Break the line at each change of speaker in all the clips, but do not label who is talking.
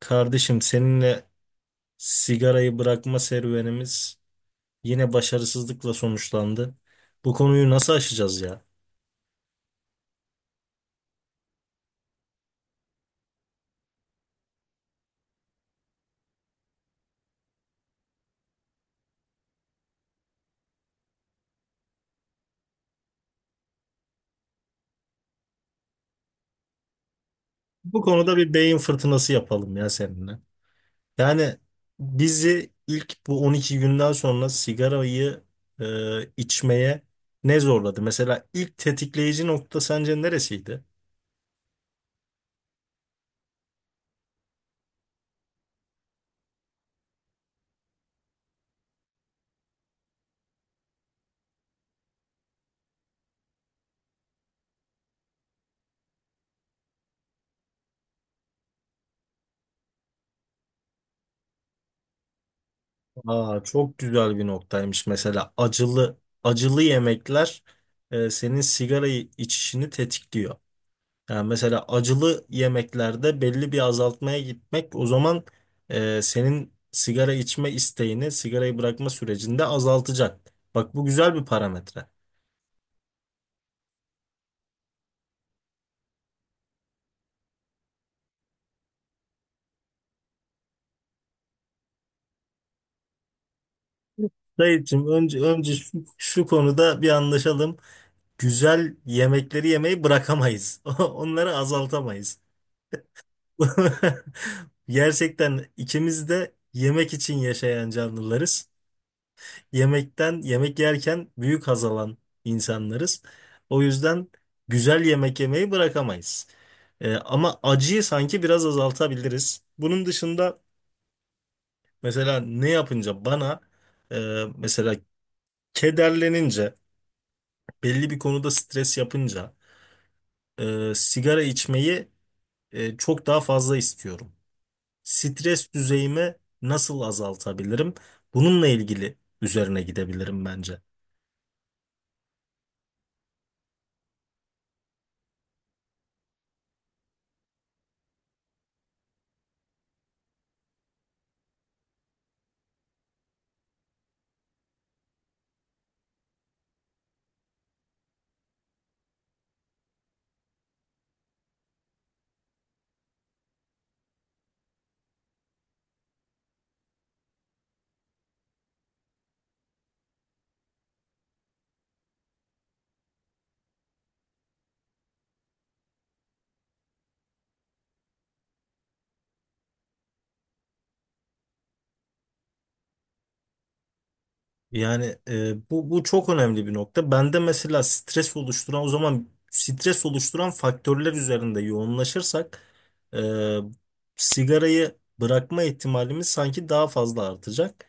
Kardeşim seninle sigarayı bırakma serüvenimiz yine başarısızlıkla sonuçlandı. Bu konuyu nasıl aşacağız ya? Bu konuda bir beyin fırtınası yapalım ya seninle. Yani bizi ilk bu 12 günden sonra sigarayı içmeye ne zorladı? Mesela ilk tetikleyici nokta sence neresiydi? Aa, çok güzel bir noktaymış, mesela acılı acılı yemekler senin sigarayı içişini tetikliyor. Yani mesela acılı yemeklerde belli bir azaltmaya gitmek, o zaman senin sigara içme isteğini sigarayı bırakma sürecinde azaltacak. Bak, bu güzel bir parametre. Dayıcığım, önce şu konuda bir anlaşalım. Güzel yemekleri yemeyi bırakamayız. Onları azaltamayız. Gerçekten ikimiz de yemek için yaşayan canlılarız. Yemekten, yemek yerken büyük haz alan insanlarız. O yüzden güzel yemek yemeyi bırakamayız. Ama acıyı sanki biraz azaltabiliriz. Bunun dışında mesela ne yapınca bana mesela kederlenince, belli bir konuda stres yapınca sigara içmeyi çok daha fazla istiyorum. Stres düzeyimi nasıl azaltabilirim? Bununla ilgili üzerine gidebilirim bence. Yani bu çok önemli bir nokta. Bende mesela stres oluşturan, o zaman stres oluşturan faktörler üzerinde yoğunlaşırsak e, sigarayı bırakma ihtimalimiz sanki daha fazla artacak.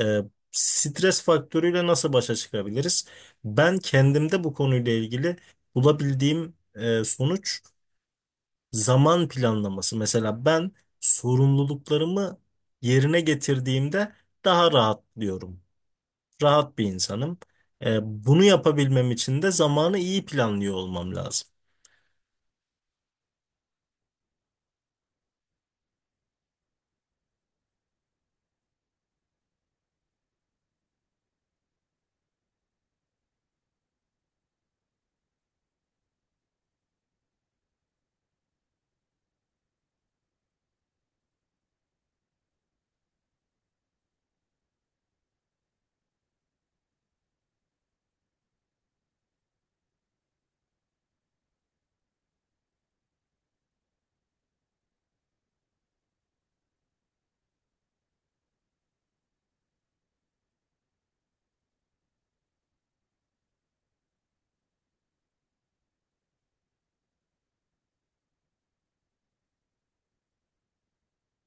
E, stres faktörüyle nasıl başa çıkabiliriz? Ben kendimde bu konuyla ilgili bulabildiğim sonuç, zaman planlaması. Mesela ben sorumluluklarımı yerine getirdiğimde daha rahatlıyorum, rahat bir insanım. E, bunu yapabilmem için de zamanı iyi planlıyor olmam lazım.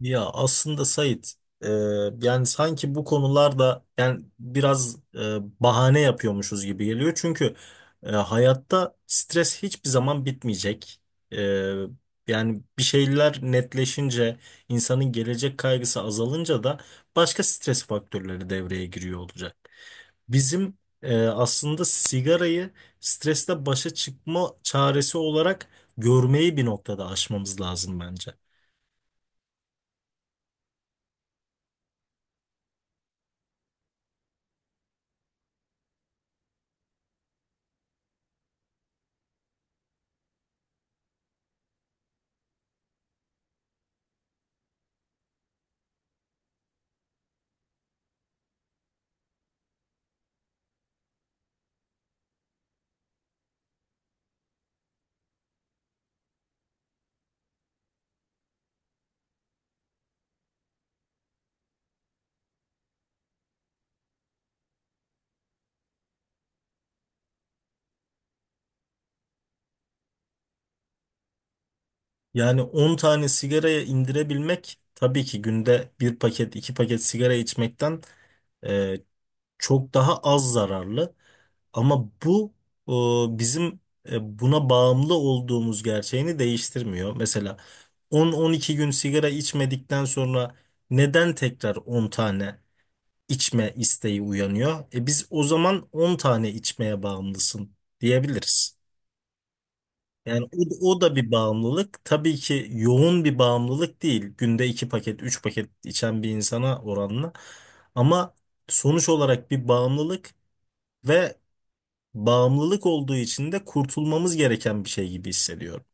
Ya aslında Sait, e, yani sanki bu konularda, yani biraz bahane yapıyormuşuz gibi geliyor. Çünkü hayatta stres hiçbir zaman bitmeyecek. E, yani bir şeyler netleşince, insanın gelecek kaygısı azalınca da başka stres faktörleri devreye giriyor olacak. Bizim aslında sigarayı streste başa çıkma çaresi olarak görmeyi bir noktada aşmamız lazım bence. Yani 10 tane sigaraya indirebilmek tabii ki günde bir paket, iki paket sigara içmekten e, çok daha az zararlı. Ama bu bizim buna bağımlı olduğumuz gerçeğini değiştirmiyor. Mesela 10-12 gün sigara içmedikten sonra neden tekrar 10 tane içme isteği uyanıyor? E, biz o zaman 10 tane içmeye bağımlısın diyebiliriz. Yani o da bir bağımlılık. Tabii ki yoğun bir bağımlılık değil, günde 2 paket, 3 paket içen bir insana oranla. Ama sonuç olarak bir bağımlılık ve bağımlılık olduğu için de kurtulmamız gereken bir şey gibi hissediyorum.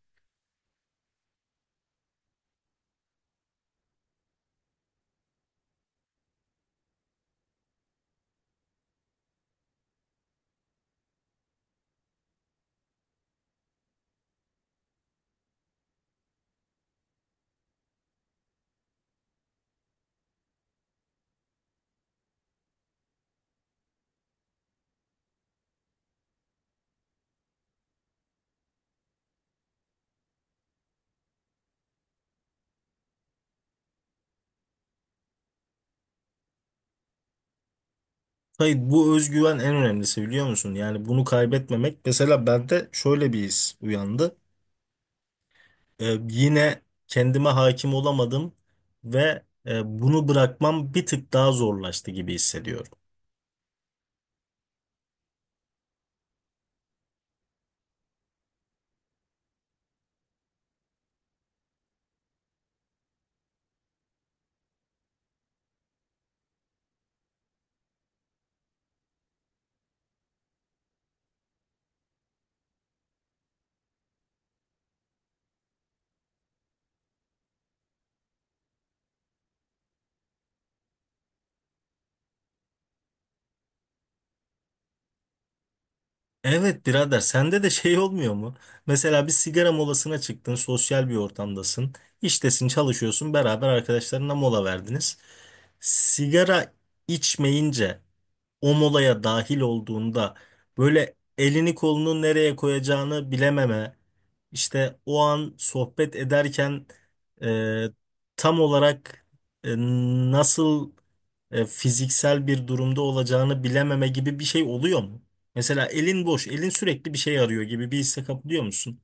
Hayır, bu özgüven en önemlisi, biliyor musun? Yani bunu kaybetmemek. Mesela bende şöyle bir his uyandı. Yine kendime hakim olamadım ve bunu bırakmam bir tık daha zorlaştı gibi hissediyorum. Evet birader, sende de şey olmuyor mu? Mesela bir sigara molasına çıktın, sosyal bir ortamdasın, iştesin, çalışıyorsun, beraber arkadaşlarına mola verdiniz. Sigara içmeyince, o molaya dahil olduğunda böyle elini kolunu nereye koyacağını bilememe, işte o an sohbet ederken e, tam olarak e, nasıl fiziksel bir durumda olacağını bilememe gibi bir şey oluyor mu? Mesela elin boş, elin sürekli bir şey arıyor gibi bir hisse kapılıyor musun?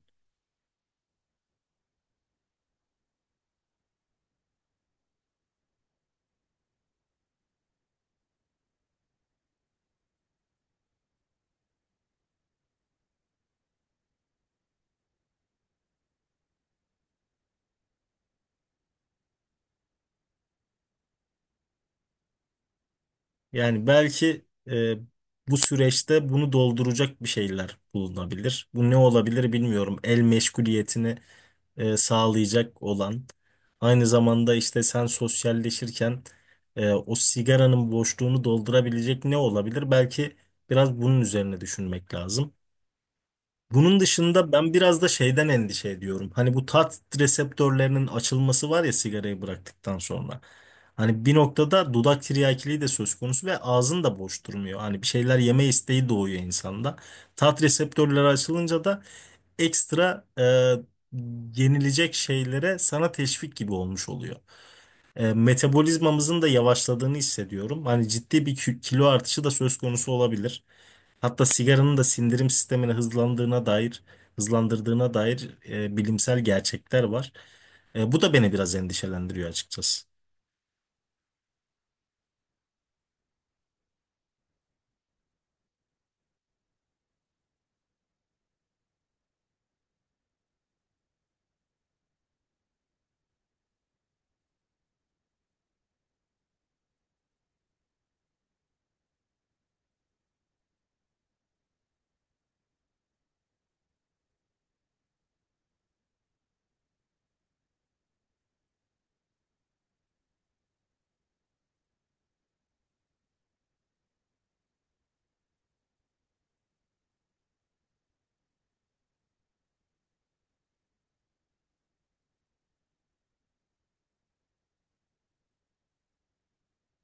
Yani belki e, bu süreçte bunu dolduracak bir şeyler bulunabilir. Bu ne olabilir bilmiyorum. El meşguliyetini sağlayacak olan. Aynı zamanda işte sen sosyalleşirken o sigaranın boşluğunu doldurabilecek ne olabilir? Belki biraz bunun üzerine düşünmek lazım. Bunun dışında ben biraz da şeyden endişe ediyorum. Hani bu tat reseptörlerinin açılması var ya sigarayı bıraktıktan sonra. Hani bir noktada dudak tiryakiliği de söz konusu ve ağzın da boş durmuyor. Hani bir şeyler yeme isteği doğuyor insanda. Tat reseptörleri açılınca da ekstra yenilecek şeylere sana teşvik gibi olmuş oluyor. Metabolizmamızın da yavaşladığını hissediyorum. Hani ciddi bir kilo artışı da söz konusu olabilir. Hatta sigaranın da sindirim sistemini hızlandırdığına dair bilimsel gerçekler var. Bu da beni biraz endişelendiriyor açıkçası.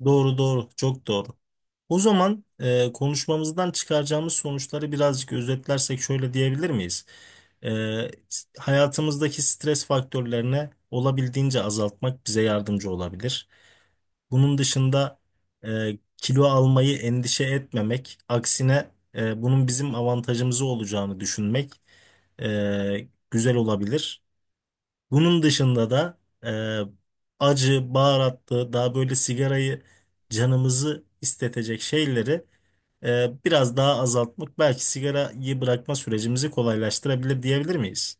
Doğru doğru, çok doğru. O zaman konuşmamızdan çıkaracağımız sonuçları birazcık özetlersek şöyle diyebilir miyiz? E, hayatımızdaki stres faktörlerini olabildiğince azaltmak bize yardımcı olabilir. Bunun dışında kilo almayı endişe etmemek, aksine bunun bizim avantajımıza olacağını düşünmek güzel olabilir. Bunun dışında da acı, baharatlı, daha böyle sigarayı canımızı istetecek şeyleri biraz daha azaltmak belki sigarayı bırakma sürecimizi kolaylaştırabilir diyebilir miyiz?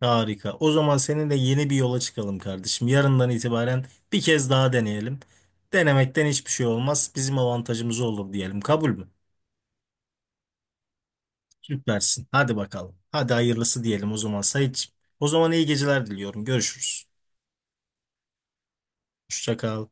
Harika. O zaman seninle yeni bir yola çıkalım kardeşim. Yarından itibaren bir kez daha deneyelim. Denemekten hiçbir şey olmaz, bizim avantajımız olur diyelim. Kabul mü? Süpersin. Hadi bakalım. Hadi hayırlısı diyelim o zaman Sait. O zaman iyi geceler diliyorum. Görüşürüz. Hoşça kal.